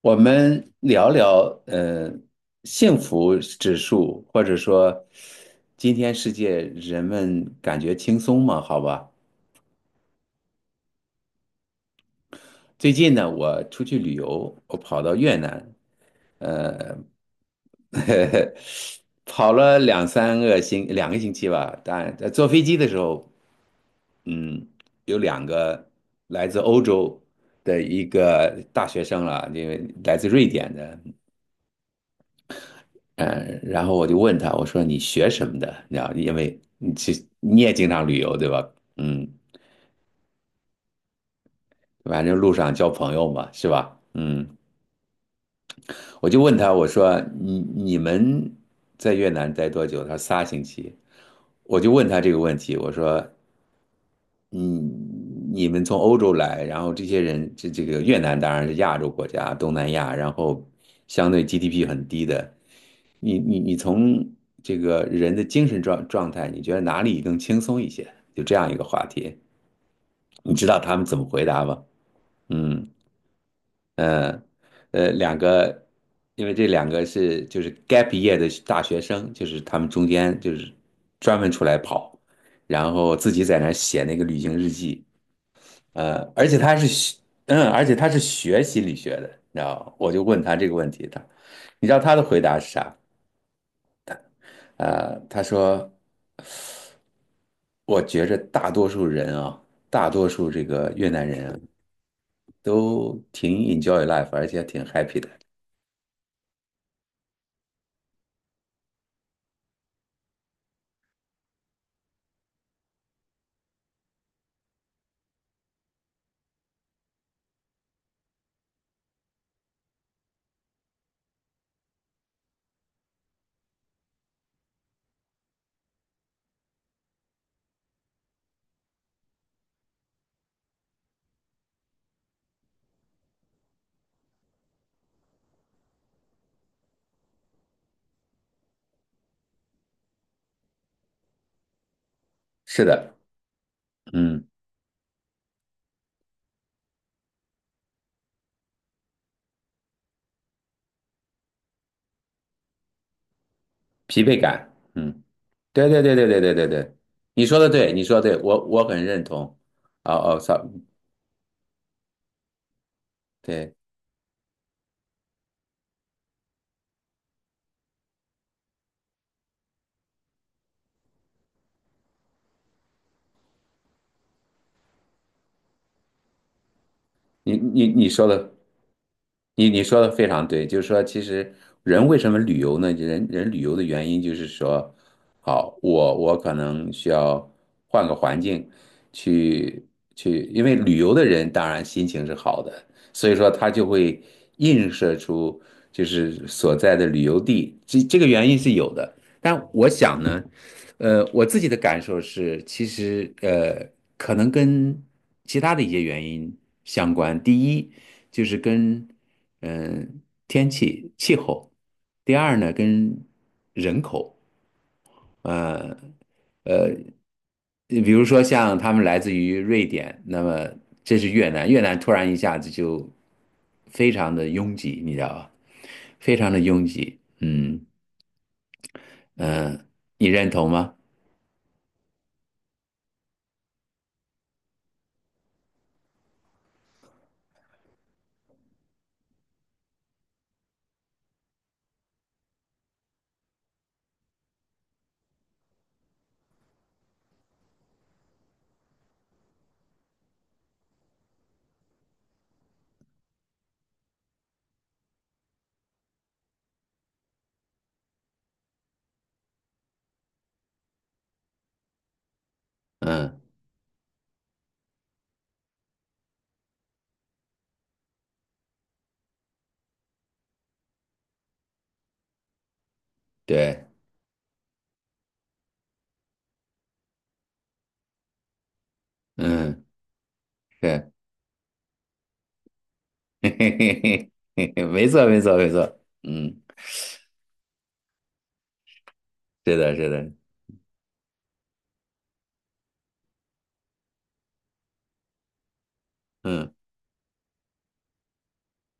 我们聊聊，幸福指数，或者说，今天世界人们感觉轻松吗？好吧，最近呢，我出去旅游，我跑到越南，呃，跑了两三个星，两个星期吧。但在坐飞机的时候，嗯，有两个来自欧洲的一个大学生了，因为来自瑞典的。嗯，然后我就问他，我说你学什么的？你知道，因为你其实你也经常旅游，对吧？嗯，反正路上交朋友嘛，是吧？嗯，我就问他，我说你们在越南待多久？他说仨星期。我就问他这个问题，我说你你们从欧洲来，然后这些人这个越南当然是亚洲国家，东南亚，然后相对 GDP 很低的。你从这个人的精神状态，你觉得哪里更轻松一些？就这样一个话题，你知道他们怎么回答吗？嗯。呃两个，因为这两个是就是 gap year 的大学生，就是他们中间就是专门出来跑，然后自己在那儿写那个旅行日记，呃，而且他是学而且他是学心理学的，你知道吗，我就问他这个问题，他，你知道他的回答是啥？他说，我觉着大多数人啊，大多数这个越南人啊都挺 enjoy life，而且挺 happy 的。是的，嗯，疲惫感，嗯，对对对对对对对对，你说的对，你说的对，我很认同。哦哦，sorry，对。你说的，你说的非常对，就是说，其实人为什么旅游呢？人人旅游的原因就是说，好，我可能需要换个环境去去，因为旅游的人当然心情是好的，所以说他就会映射出就是所在的旅游地，这个原因是有的。但我想呢。我自己的感受是，其实可能跟其他的一些原因相关。第一就是跟嗯、呃天气气候，第二呢跟人口。你比如说像他们来自于瑞典，那么这是越南，越南突然一下子就非常的拥挤，你知道吧？非常的拥挤，嗯嗯，你认同吗？嗯，对，嗯。对。嘿嘿嘿嘿嘿嘿，没错，没错，没错。嗯，是的，是的，嗯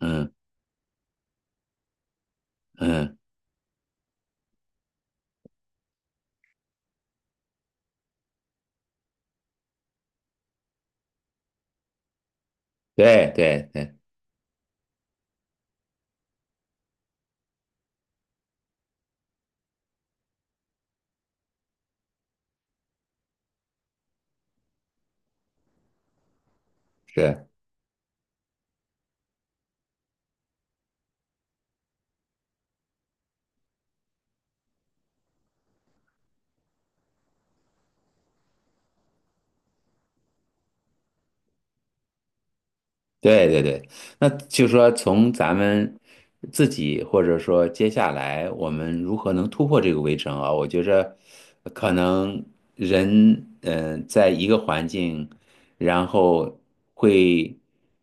嗯嗯，对对对，是。对对对，那就是说从咱们自己，或者说接下来我们如何能突破这个围城啊？我觉着可能人，在一个环境，然后会，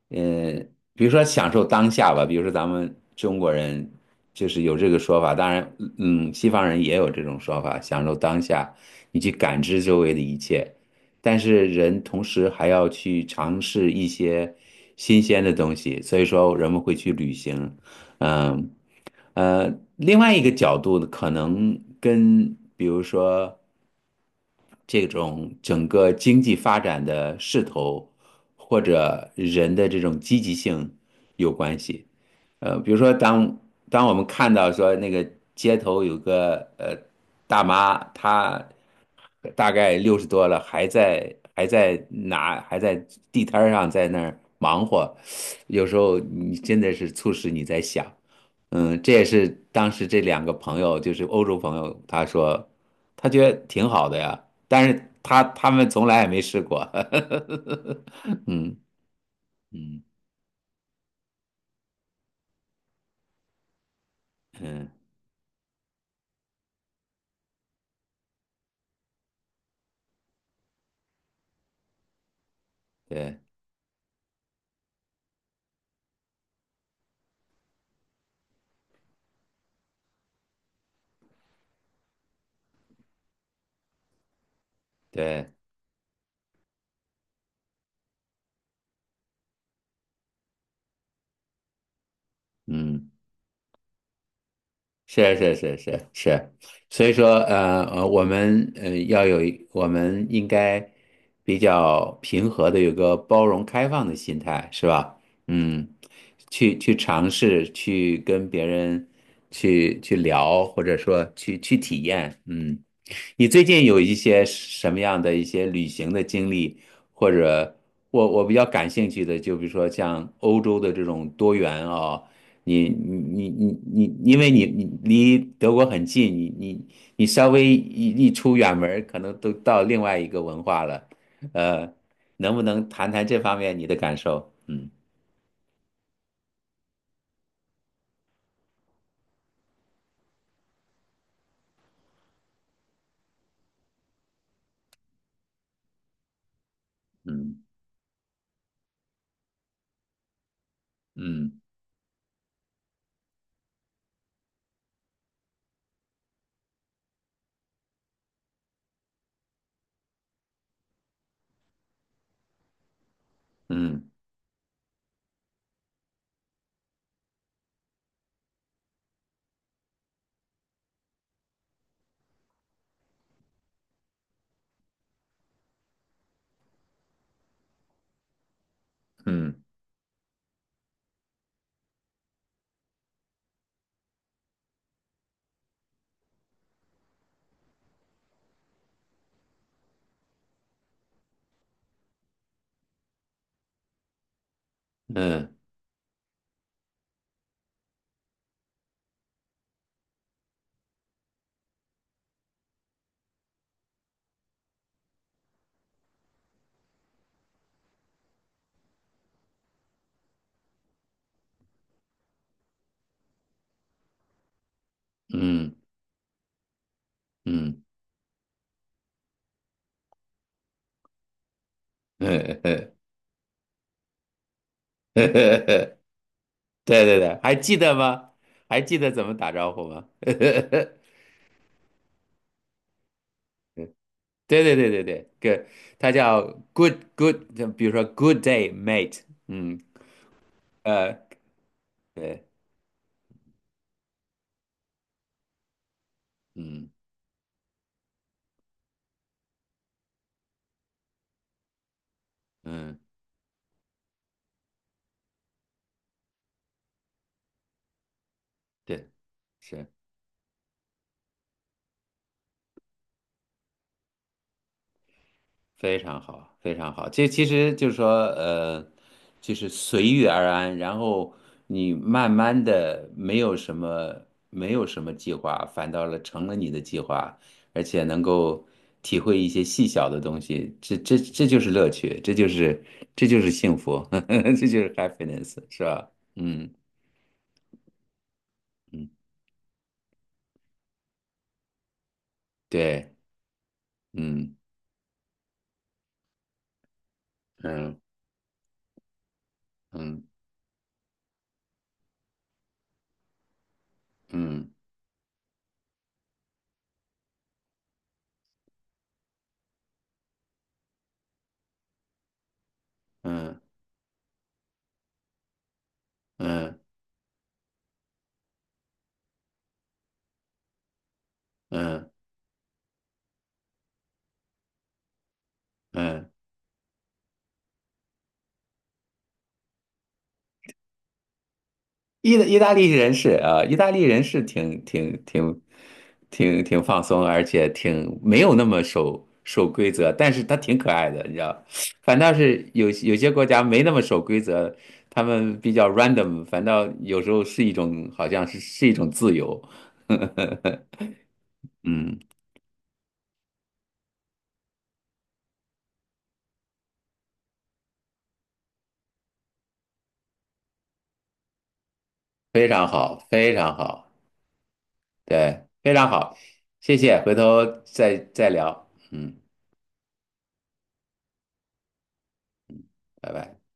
嗯、比如说享受当下吧，比如说咱们中国人就是有这个说法，当然，嗯，西方人也有这种说法，享受当下，你去感知周围的一切。但是人同时还要去尝试一些新鲜的东西，所以说人们会去旅行。嗯。呃，另外一个角度呢，可能跟比如说这种整个经济发展的势头，或者人的这种积极性有关系。呃，比如说当我们看到说那个街头有个大妈，她大概六十多了，还在地摊儿上在那儿忙活，有时候你真的是促使你在想，嗯，这也是当时这两个朋友，就是欧洲朋友，他说他觉得挺好的呀，但是他们从来也没试过，嗯嗯嗯，对对对，嗯。是是是是是，所以说我们呃要有一我们应该比较平和的，有个包容开放的心态，是吧？嗯，去尝试，去跟别人去聊，或者说去体验。嗯，你最近有一些什么样的一些旅行的经历，或者我比较感兴趣的，就比如说像欧洲的这种多元啊。你你你你你，因为你你离德国很近，你稍微一出远门儿，可能都到另外一个文化了。呃，能不能谈谈这方面你的感受？嗯嗯嗯嗯嗯嗯嗯嗯嗯，嗯 对对对，还记得吗？还记得怎么打招呼吗？对对对对对，d 他叫 就比如说 good day mate，嗯。呃对，嗯嗯，对，是非常好，非常好。这其实就是说，就是随遇而安，然后你慢慢的没有什么计划，反倒了成了你的计划，而且能够体会一些细小的东西，这就是乐趣，这就是幸福，这就是 happiness，是吧？嗯嗯，对，嗯嗯嗯嗯嗯嗯嗯。嗯，意大利人是啊，意大利人是挺放松，而且挺没有那么守规则，但是他挺可爱的，你知道。反倒是有些国家没那么守规则，他们比较 random，反倒有时候是一种好像是一种自由。嗯，非常好，非常好，对，非常好，谢谢，回头再聊。嗯，拜拜。